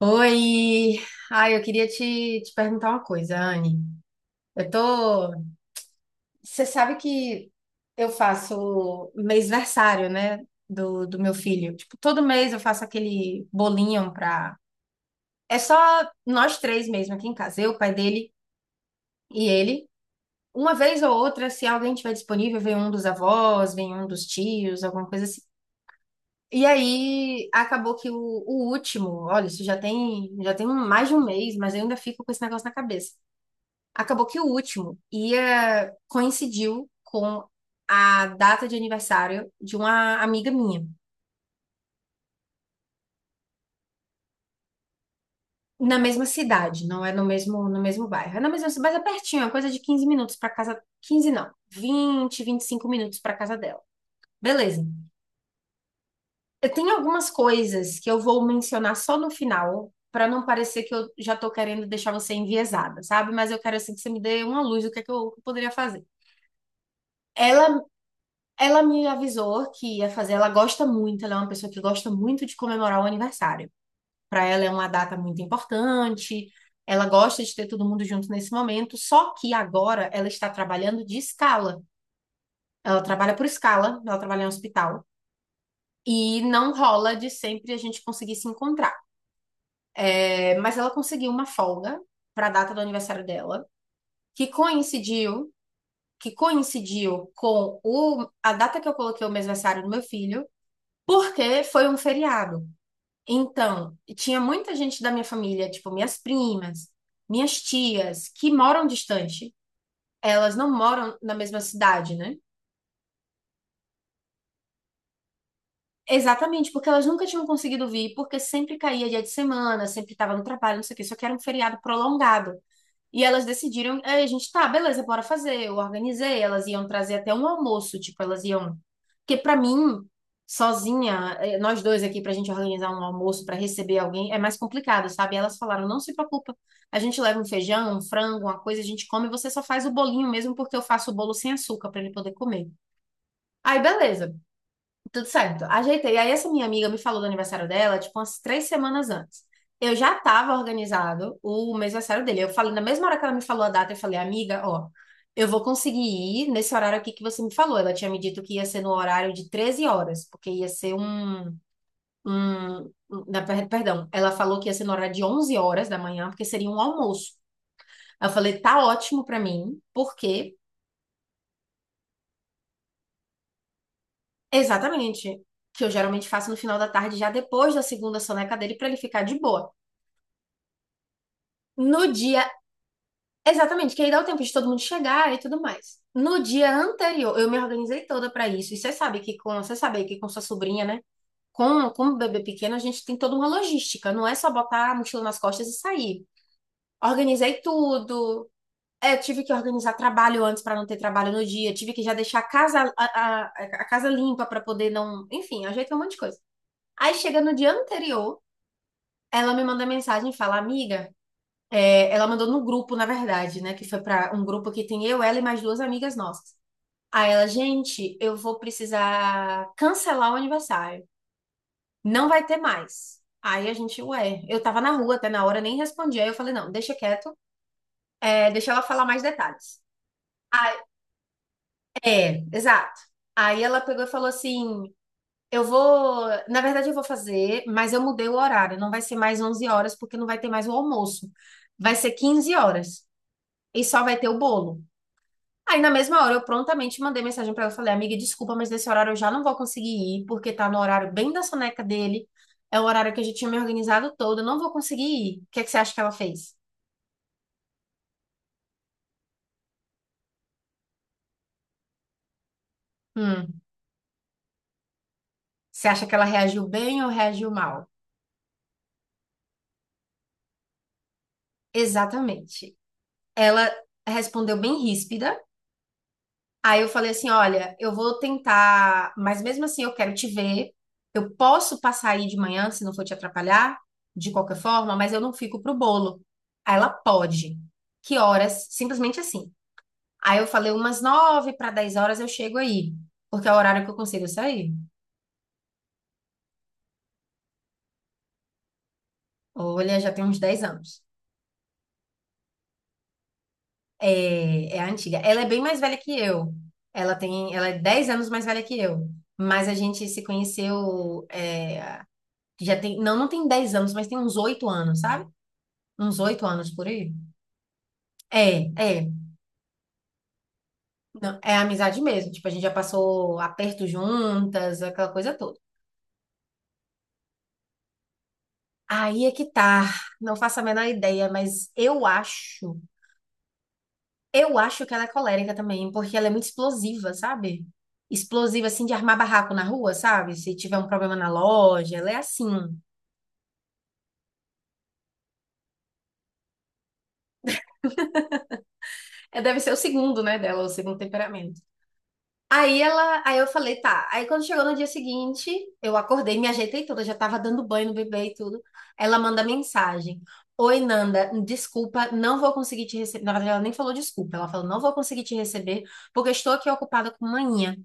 Oi! Ai, eu queria te perguntar uma coisa, Anne. Eu tô. Você sabe que eu faço mêsversário, né? Do meu filho. Tipo, todo mês eu faço aquele bolinho pra. É só nós três mesmo aqui em casa, eu, o pai dele e ele. Uma vez ou outra, se alguém tiver disponível, vem um dos avós, vem um dos tios, alguma coisa assim. E aí acabou que o último, olha, isso já tem mais de um mês, mas eu ainda fico com esse negócio na cabeça. Acabou que o último ia coincidiu com a data de aniversário de uma amiga minha. Na mesma cidade, não é no mesmo bairro. É na mesma cidade, mas é pertinho, é coisa de 15 minutos para casa, 15 não, vinte, 25 minutos para casa dela. Beleza. Eu tenho algumas coisas que eu vou mencionar só no final, para não parecer que eu já tô querendo deixar você enviesada, sabe? Mas eu quero assim que você me dê uma luz do que é que eu poderia fazer. Ela Ela me avisou que ia fazer, ela gosta muito, ela é uma pessoa que gosta muito de comemorar o aniversário. Para ela é uma data muito importante, ela gosta de ter todo mundo junto nesse momento, só que agora ela está trabalhando de escala. Ela trabalha por escala, ela trabalha em hospital. E não rola de sempre a gente conseguir se encontrar. É, mas ela conseguiu uma folga para a data do aniversário dela, que coincidiu, que coincidiu com a data que eu coloquei o mêsversário do meu filho, porque foi um feriado. Então, tinha muita gente da minha família, tipo minhas primas, minhas tias, que moram distante. Elas não moram na mesma cidade, né? Exatamente, porque elas nunca tinham conseguido vir, porque sempre caía dia de semana, sempre estava no trabalho, não sei o quê, só que era um feriado prolongado. E elas decidiram, é, a gente, tá, beleza, bora fazer. Eu organizei, elas iam trazer até um almoço, tipo, elas iam. Porque pra mim, sozinha, nós dois aqui pra gente organizar um almoço pra receber alguém é mais complicado, sabe? Elas falaram, não se preocupa, a gente leva um feijão, um frango, uma coisa, a gente come, você só faz o bolinho mesmo, porque eu faço o bolo sem açúcar pra ele poder comer. Aí, beleza. Tudo certo. Ajeitei. Aí essa minha amiga me falou do aniversário dela, tipo, umas 3 semanas antes. Eu já estava organizado o mês aniversário dele. Eu falei, na mesma hora que ela me falou a data, eu falei, amiga, ó, eu vou conseguir ir nesse horário aqui que você me falou. Ela tinha me dito que ia ser no horário de 13 horas, porque ia ser um, perdão, ela falou que ia ser no horário de 11 horas da manhã, porque seria um almoço. Aí eu falei, tá ótimo pra mim, porque exatamente que eu geralmente faço no final da tarde, já depois da segunda soneca dele, pra ele ficar de boa. No dia, exatamente, que aí dá o tempo de todo mundo chegar e tudo mais. No dia anterior, eu me organizei toda pra isso. E você sabe que com sua sobrinha, né? Com o bebê pequeno, a gente tem toda uma logística, não é só botar a mochila nas costas e sair. Organizei tudo. É, tive que organizar trabalho antes para não ter trabalho no dia, tive que já deixar a casa, a casa limpa para poder não, enfim, ajeitei um monte de coisa. Aí chega no dia anterior, ela me manda mensagem e fala: "Amiga, é, ela mandou no grupo, na verdade, né? Que foi para um grupo que tem eu, ela e mais duas amigas nossas. Aí ela, gente, eu vou precisar cancelar o aniversário. Não vai ter mais. Aí a gente, ué, eu tava na rua até na hora, nem respondi. Aí eu falei, não, deixa quieto, é, deixa ela falar mais detalhes. Aí- É, exato. Aí ela pegou e falou assim: eu vou, na verdade eu vou fazer, mas eu mudei o horário, não vai ser mais 11 horas, porque não vai ter mais o almoço. Vai ser 15 horas e só vai ter o bolo. Aí na mesma hora eu prontamente mandei mensagem pra ela, falei, amiga, desculpa, mas nesse horário eu já não vou conseguir ir, porque tá no horário bem da soneca dele, é o horário que a gente tinha me organizado todo, eu não vou conseguir ir. O que é que você acha que ela fez? Hum. Você acha que ela reagiu bem ou reagiu mal? Exatamente. Ela respondeu bem ríspida. Aí eu falei assim: olha, eu vou tentar, mas mesmo assim eu quero te ver. Eu posso passar aí de manhã, se não for te atrapalhar, de qualquer forma, mas eu não fico pro bolo. Aí ela pode. Que horas? Simplesmente assim. Aí eu falei: umas nove para dez horas eu chego aí, porque é o horário que eu consigo sair. Olha, já tem uns 10 anos. É, é a antiga. Ela é bem mais velha que eu. Ela é 10 anos mais velha que eu. Mas a gente se conheceu, é, já tem, não tem 10 anos, mas tem uns 8 anos, sabe? Uns 8 anos por aí. É, é. Não, é amizade mesmo. Tipo, a gente já passou aperto juntas, aquela coisa toda. Aí é que tá. Não faço a menor ideia, mas eu acho. Eu acho que ela é colérica também, porque ela é muito explosiva, sabe? Explosiva, assim, de armar barraco na rua, sabe? Se tiver um problema na loja, ela é assim. É, deve ser o segundo, né, dela, o segundo temperamento. Aí eu falei, tá. Aí quando chegou no dia seguinte, eu acordei, me ajeitei toda, já tava dando banho no bebê e tudo. Ela manda mensagem. Oi, Nanda, desculpa, não vou conseguir te receber. Na verdade, ela nem falou desculpa, ela falou, não vou conseguir te receber, porque estou aqui ocupada com manhã.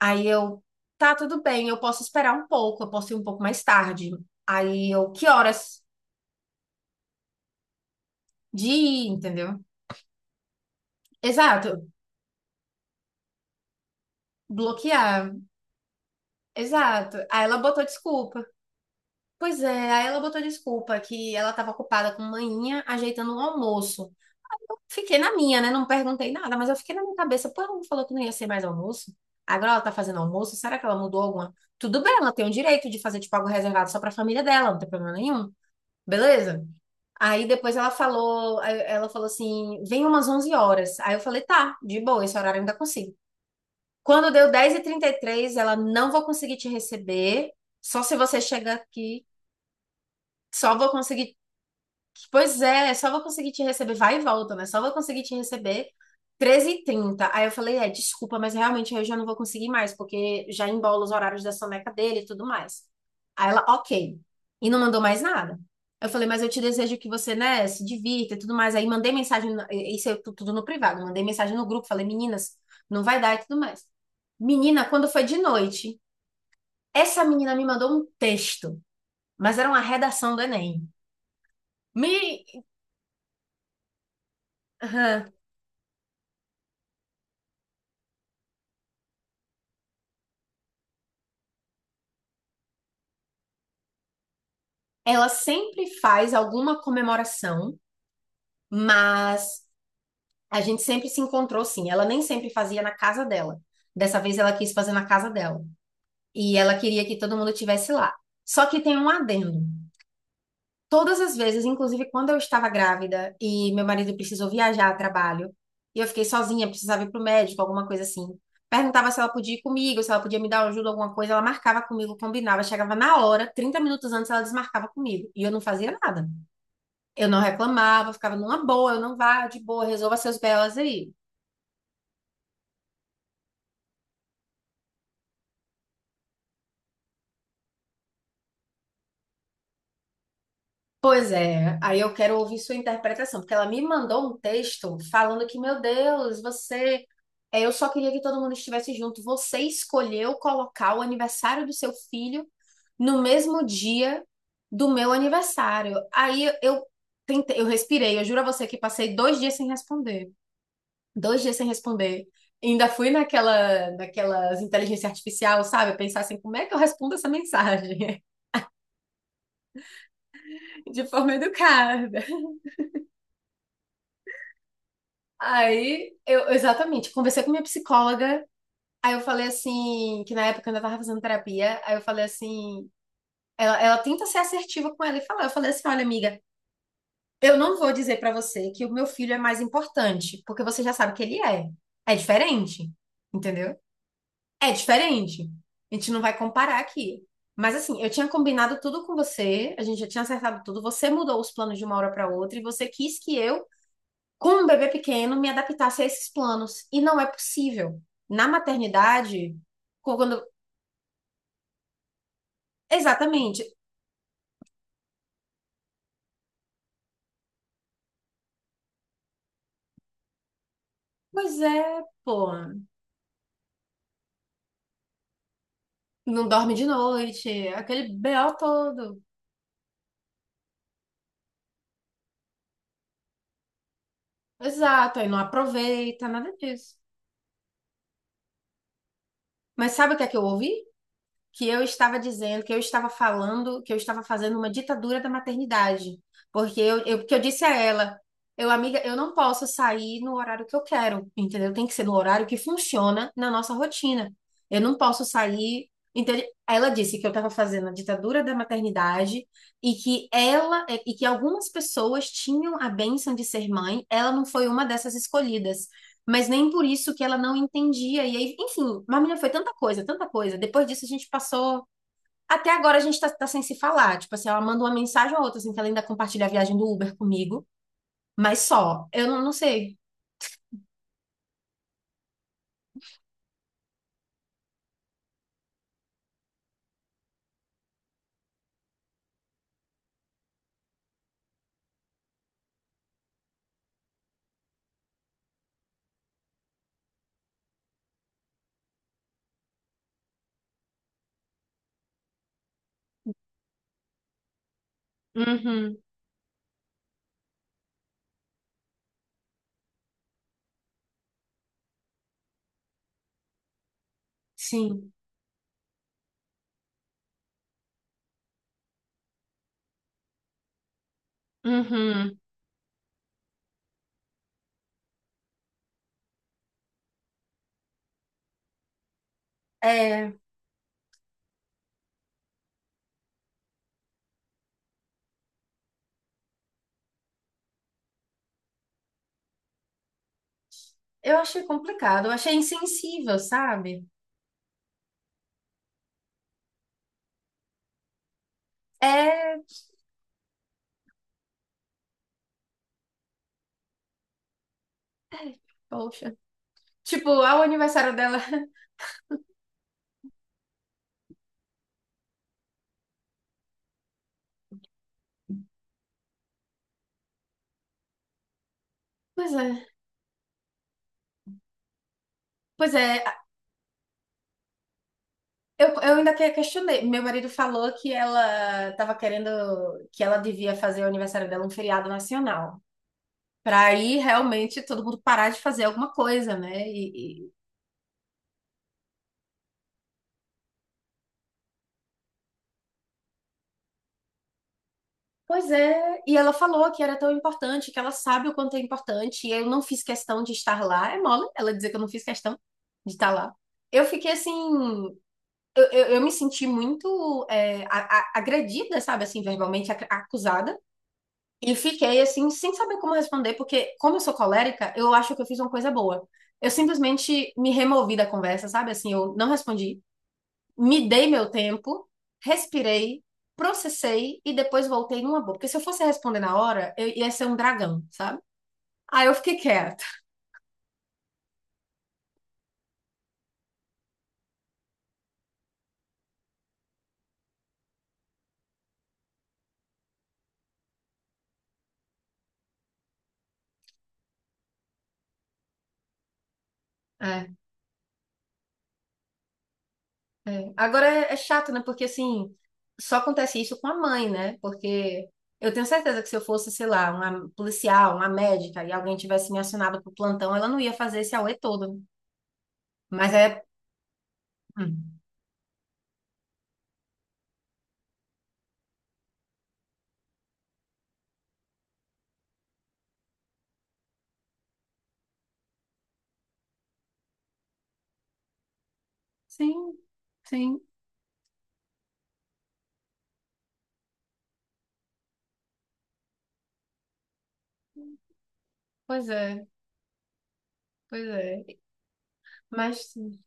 Aí eu, tá, tudo bem, eu posso esperar um pouco, eu posso ir um pouco mais tarde. Aí eu, que horas de ir, entendeu? Exato, bloquear, exato. Aí ela botou desculpa. Pois é, aí ela botou desculpa que ela estava ocupada com manhinha ajeitando o almoço. Eu fiquei na minha, né? Não perguntei nada, mas eu fiquei na minha cabeça. Pô, ela não falou que não ia ser mais almoço? Agora ela tá fazendo almoço? Será que ela mudou alguma? Tudo bem, ela tem o direito de fazer tipo algo reservado só pra família dela, não tem problema nenhum. Beleza? Aí depois ela falou, aí ela falou assim: "Vem umas 11 horas". Aí eu falei: "Tá, de boa, esse horário eu ainda consigo". Quando deu 10:33 ela não vou conseguir te receber, só se você chegar aqui. Só vou conseguir Pois é, só vou conseguir te receber, vai e volta, né? Só vou conseguir te receber 13 e trinta. Aí eu falei, é, desculpa, mas realmente eu já não vou conseguir mais, porque já embola os horários da soneca dele e tudo mais. Aí ela, ok. E não mandou mais nada. Eu falei, mas eu te desejo que você, né, se divirta e tudo mais. Aí mandei mensagem, isso é tudo no privado, mandei mensagem no grupo, falei, meninas, não vai dar e tudo mais. Menina, quando foi de noite, essa menina me mandou um texto, mas era uma redação do Enem. Me... Aham. Ela sempre faz alguma comemoração, mas a gente sempre se encontrou sim. Ela nem sempre fazia na casa dela. Dessa vez ela quis fazer na casa dela. E ela queria que todo mundo estivesse lá. Só que tem um adendo. Todas as vezes, inclusive quando eu estava grávida e meu marido precisou viajar a trabalho, e eu fiquei sozinha, precisava ir para o médico, alguma coisa assim. Perguntava se ela podia ir comigo, se ela podia me dar ajuda, alguma coisa. Ela marcava comigo, combinava. Chegava na hora, 30 minutos antes, ela desmarcava comigo. E eu não fazia nada. Eu não reclamava, ficava numa boa, eu não vá, de boa, resolva seus belas aí. Pois é, aí eu quero ouvir sua interpretação, porque ela me mandou um texto falando que, meu Deus, você. é, eu só queria que todo mundo estivesse junto. Você escolheu colocar o aniversário do seu filho no mesmo dia do meu aniversário. Aí eu tentei, eu respirei, eu juro a você que passei 2 dias sem responder. 2 dias sem responder. Ainda fui naquela, naquelas inteligência artificial, sabe? Pensar assim, como é que eu respondo essa mensagem? De forma educada. Aí, eu, exatamente, conversei com minha psicóloga. Aí eu falei assim, que na época eu ainda tava fazendo terapia. Aí eu falei assim, ela tenta ser assertiva com ela e falar. Eu falei assim, olha, amiga, eu não vou dizer pra você que o meu filho é mais importante, porque você já sabe que ele é. É diferente, entendeu? É diferente. A gente não vai comparar aqui. Mas assim, eu tinha combinado tudo com você, a gente já tinha acertado tudo, você mudou os planos de uma hora para outra e você quis que eu, como um bebê pequeno, me adaptasse a esses planos. E não é possível. Na maternidade, quando. Exatamente. Pois é, pô. Não dorme de noite, aquele BO todo. Exato, aí não aproveita, nada disso. Mas sabe o que é que eu ouvi? Que eu estava dizendo, que eu estava falando, que eu estava fazendo uma ditadura da maternidade. Porque eu disse a ela, eu, amiga, eu não posso sair no horário que eu quero, entendeu? Tem que ser no horário que funciona na nossa rotina. Eu não posso sair. Entende? Ela disse que eu estava fazendo a ditadura da maternidade e que ela e que algumas pessoas tinham a bênção de ser mãe, ela não foi uma dessas escolhidas, mas nem por isso que ela não entendia. E aí, enfim, mas menina, foi tanta coisa, tanta coisa. Depois disso, a gente passou. Até agora a gente tá sem se falar. Tipo assim, ela manda uma mensagem ou outra, assim, que ela ainda compartilha a viagem do Uber comigo, mas só. Eu não sei. Uhum, sim. Uhum. É, eu achei complicado, eu achei insensível, sabe? É, poxa. Tipo, ao aniversário dela. Pois é. Pois é. Eu ainda questionei. Meu marido falou que ela estava querendo que ela devia fazer o aniversário dela um feriado nacional. Para aí realmente todo mundo parar de fazer alguma coisa, né? Pois é. E ela falou que era tão importante, que ela sabe o quanto é importante. E eu não fiz questão de estar lá. É mole ela dizer que eu não fiz questão de estar lá. Eu fiquei assim. Eu me senti muito agredida, sabe? Assim, verbalmente acusada. E fiquei assim, sem saber como responder, porque como eu sou colérica, eu acho que eu fiz uma coisa boa. Eu simplesmente me removi da conversa, sabe? Assim, eu não respondi, me dei meu tempo, respirei, processei e depois voltei numa boa. Porque se eu fosse responder na hora, eu ia ser um dragão, sabe? Aí eu fiquei quieta. É, é. Agora é chato, né? Porque assim, só acontece isso com a mãe, né? Porque eu tenho certeza que se eu fosse, sei lá, uma policial, uma médica e alguém tivesse me acionado pro plantão, ela não ia fazer esse auê todo, né? Mas é. Hum, sim, sim. Pois é, pois é. Mas sim.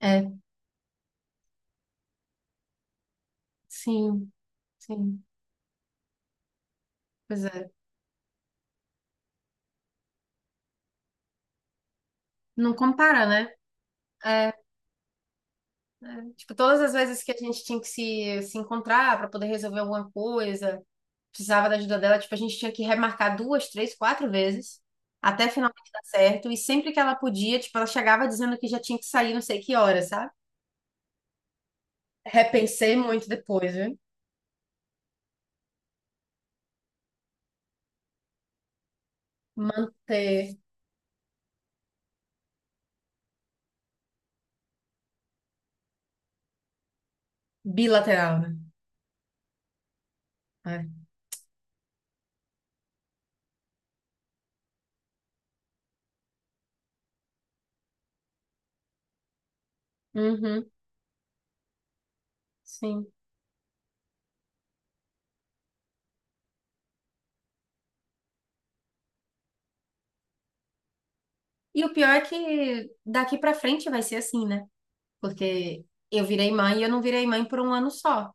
É, sim, sim. Pois é. Não compara, né? É, é. Tipo, todas as vezes que a gente tinha que se encontrar para poder resolver alguma coisa, precisava da ajuda dela, tipo, a gente tinha que remarcar duas, três, quatro vezes. Até finalmente dar certo. E sempre que ela podia, tipo, ela chegava dizendo que já tinha que sair não sei que hora, sabe? Repensei muito depois, viu? Manter bilateral, né? É. Uhum, sim. E o pior é que daqui pra frente vai ser assim, né? Porque eu virei mãe e eu não virei mãe por um ano só.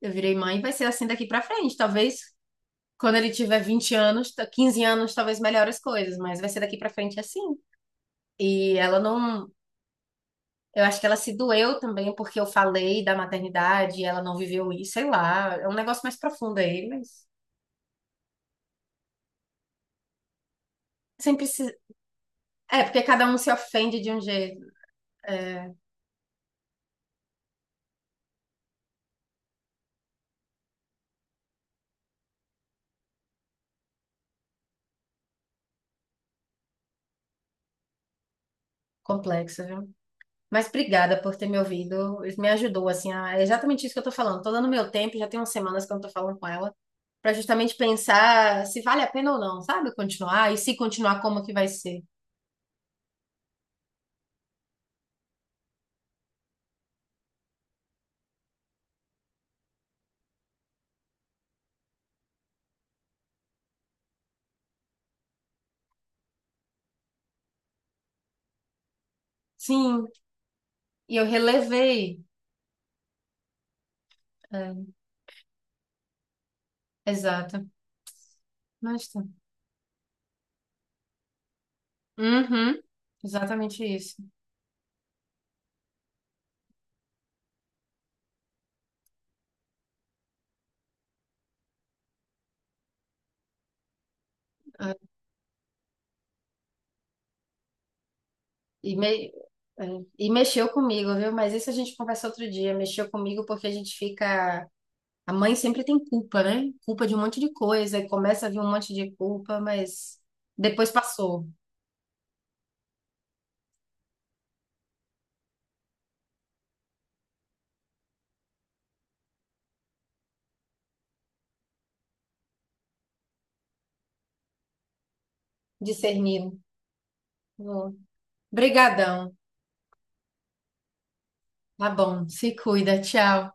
Eu virei mãe e vai ser assim daqui pra frente. Talvez quando ele tiver 20 anos, 15 anos, talvez melhore as coisas, mas vai ser daqui pra frente assim. E ela não. Eu acho que ela se doeu também porque eu falei da maternidade e ela não viveu isso, sei lá. É um negócio mais profundo aí, mas sempre se. É, porque cada um se ofende de um jeito é, complexo, viu? Mas obrigada por ter me ouvido. Isso me ajudou, assim, é exatamente isso que eu tô falando. Tô dando meu tempo, já tem umas semanas que eu não tô falando com ela, pra justamente pensar se vale a pena ou não, sabe? Continuar, e se continuar, como que vai ser. Sim, e eu relevei. É, exato. Mas tá. Uhum, exatamente isso. É. E, me- é, e mexeu comigo, viu? Mas isso a gente conversa outro dia. Mexeu comigo porque a gente fica. A mãe sempre tem culpa, né? Culpa de um monte de coisa, e começa a vir um monte de culpa, mas depois passou, discerniram. Bom, brigadão. Tá bom, se cuida, tchau.